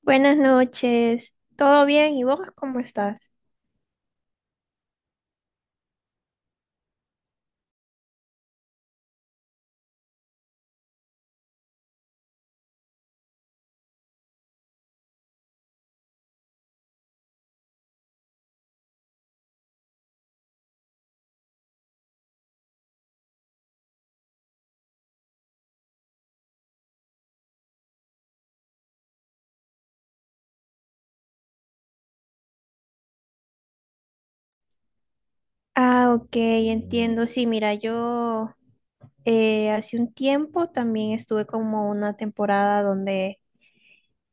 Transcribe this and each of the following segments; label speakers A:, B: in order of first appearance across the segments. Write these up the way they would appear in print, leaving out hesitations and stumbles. A: Buenas noches, ¿todo bien? ¿Y vos cómo estás? Ah, ok, entiendo. Sí, mira, yo hace un tiempo también estuve como una temporada donde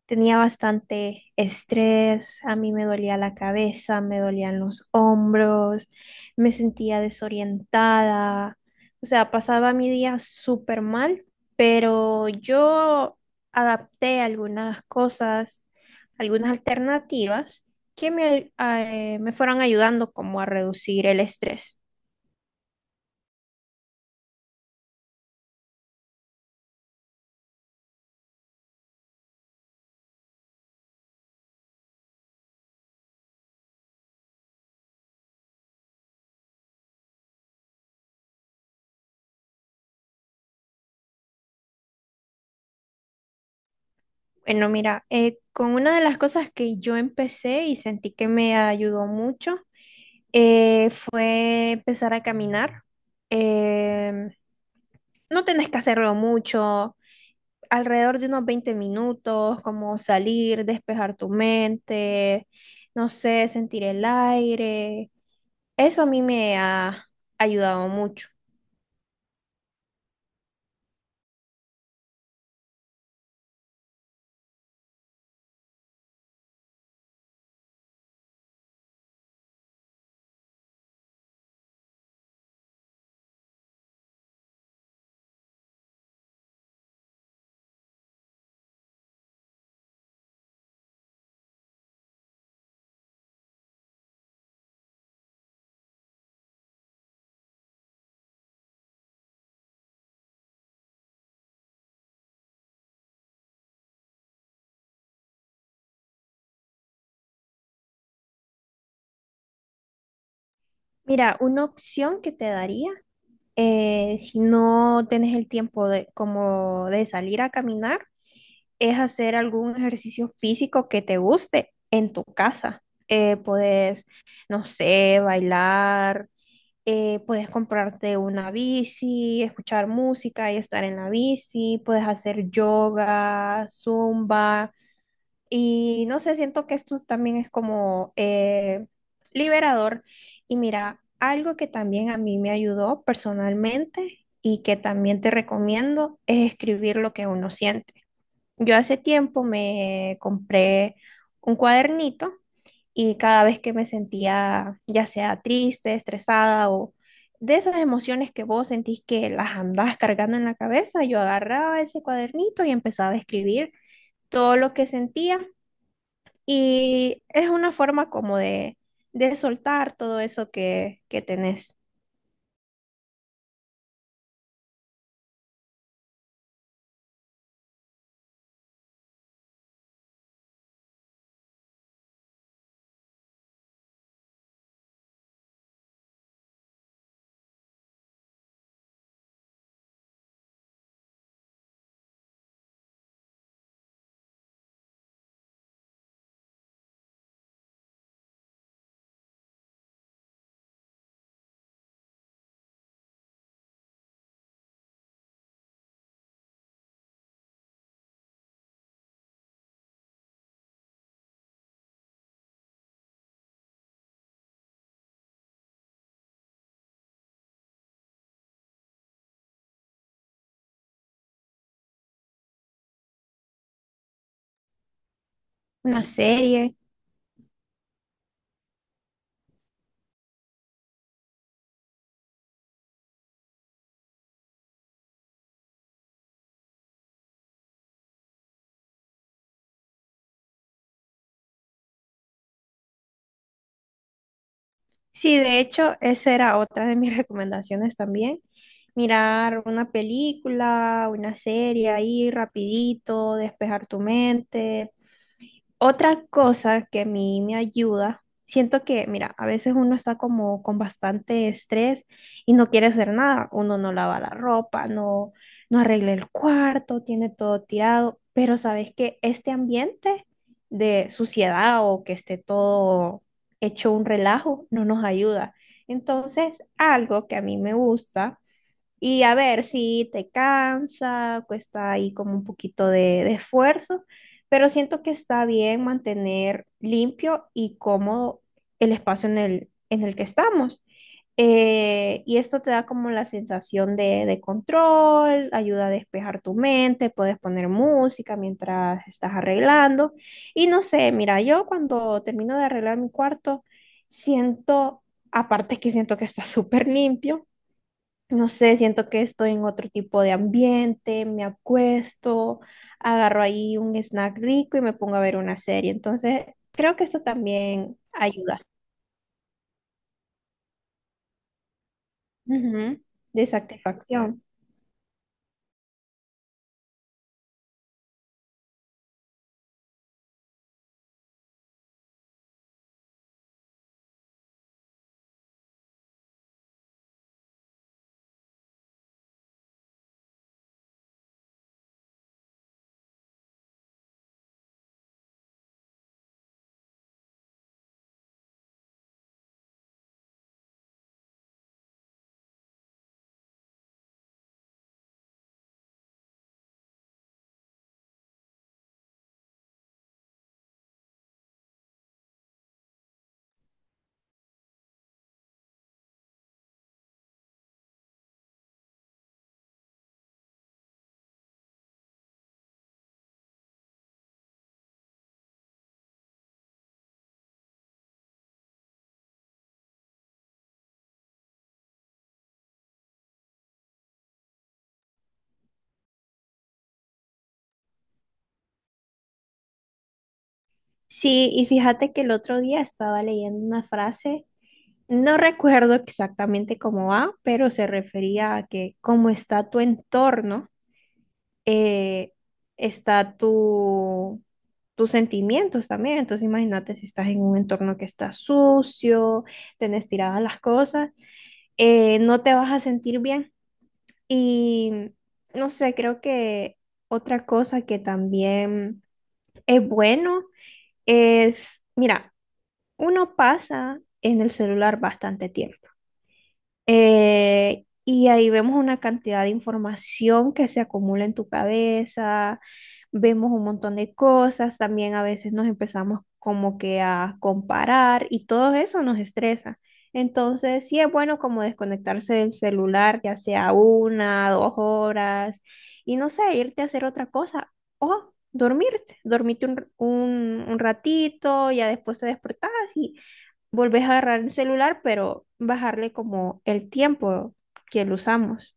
A: tenía bastante estrés, a mí me dolía la cabeza, me dolían los hombros, me sentía desorientada, o sea, pasaba mi día súper mal, pero yo adapté algunas cosas, algunas alternativas que me me fueron ayudando como a reducir el estrés. Bueno, mira, con una de las cosas que yo empecé y sentí que me ayudó mucho fue empezar a caminar. Em, no tenés que hacerlo mucho, alrededor de unos 20 minutos, como salir, despejar tu mente, no sé, sentir el aire. Eso a mí me ha ayudado mucho. Mira, una opción que te daría, si no tienes el tiempo de, como de salir a caminar, es hacer algún ejercicio físico que te guste en tu casa. Puedes, no sé, bailar, puedes comprarte una bici, escuchar música y estar en la bici, puedes hacer yoga, zumba. Y no sé, siento que esto también es como liberador. Y mira, algo que también a mí me ayudó personalmente y que también te recomiendo es escribir lo que uno siente. Yo hace tiempo me compré un cuadernito, y cada vez que me sentía ya sea triste, estresada o de esas emociones que vos sentís que las andás cargando en la cabeza, yo agarraba ese cuadernito y empezaba a escribir todo lo que sentía, y es una forma como de soltar todo eso que tenés. Una serie. Sí, de hecho, esa era otra de mis recomendaciones también. Mirar una película, una serie ahí rapidito, despejar tu mente. Otra cosa que a mí me ayuda, siento que, mira, a veces uno está como con bastante estrés y no quiere hacer nada. Uno no lava la ropa, no arregla el cuarto, tiene todo tirado, pero sabes que este ambiente de suciedad o que esté todo hecho un relajo no nos ayuda. Entonces, algo que a mí me gusta y a ver si te cansa, cuesta ahí como un poquito de esfuerzo, pero siento que está bien mantener limpio y cómodo el espacio en en el que estamos. Y esto te da como la sensación de control, ayuda a despejar tu mente, puedes poner música mientras estás arreglando. Y no sé, mira, yo cuando termino de arreglar mi cuarto, siento, aparte que siento que está súper limpio, no sé, siento que estoy en otro tipo de ambiente, me acuesto, agarro ahí un snack rico y me pongo a ver una serie. Entonces, creo que eso también ayuda. Ujú. De satisfacción. Sí, y fíjate que el otro día estaba leyendo una frase, no recuerdo exactamente cómo va, pero se refería a que cómo está tu entorno, eh, está tu, tus sentimientos también. Entonces imagínate si estás en un entorno que está sucio, tenés tiradas las cosas, no te vas a sentir bien. Y no sé, creo que otra cosa que también es bueno es, mira, uno pasa en el celular bastante tiempo. Y ahí vemos una cantidad de información que se acumula en tu cabeza, vemos un montón de cosas, también a veces nos empezamos como que a comparar y todo eso nos estresa. Entonces, sí es bueno como desconectarse del celular, ya sea una, 2 horas, y no sé, irte a hacer otra cosa o dormirte, dormirte un ratito, ya después te despertás y volvés a agarrar el celular, pero bajarle como el tiempo que lo usamos.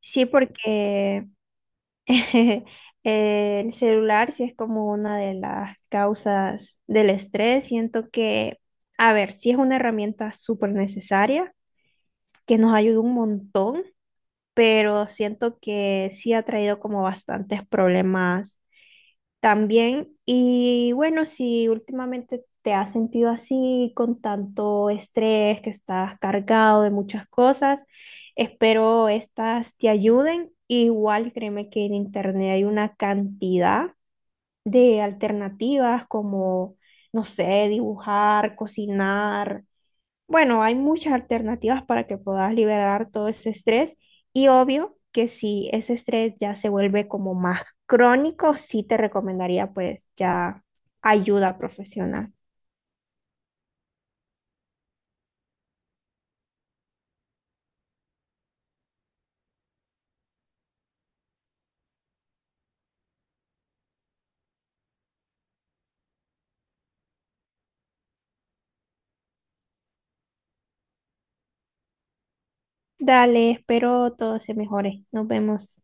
A: Sí, porque el celular sí es como una de las causas del estrés. Siento que, a ver, sí es una herramienta súper necesaria, que nos ayuda un montón, pero siento que sí ha traído como bastantes problemas también. Y bueno, si últimamente te has sentido así, con tanto estrés, que estás cargado de muchas cosas, espero estas te ayuden. Igual créeme que en internet hay una cantidad de alternativas como, no sé, dibujar, cocinar. Bueno, hay muchas alternativas para que puedas liberar todo ese estrés, y obvio que si ese estrés ya se vuelve como más crónico, sí te recomendaría pues ya ayuda profesional. Dale, espero todo se mejore. Nos vemos.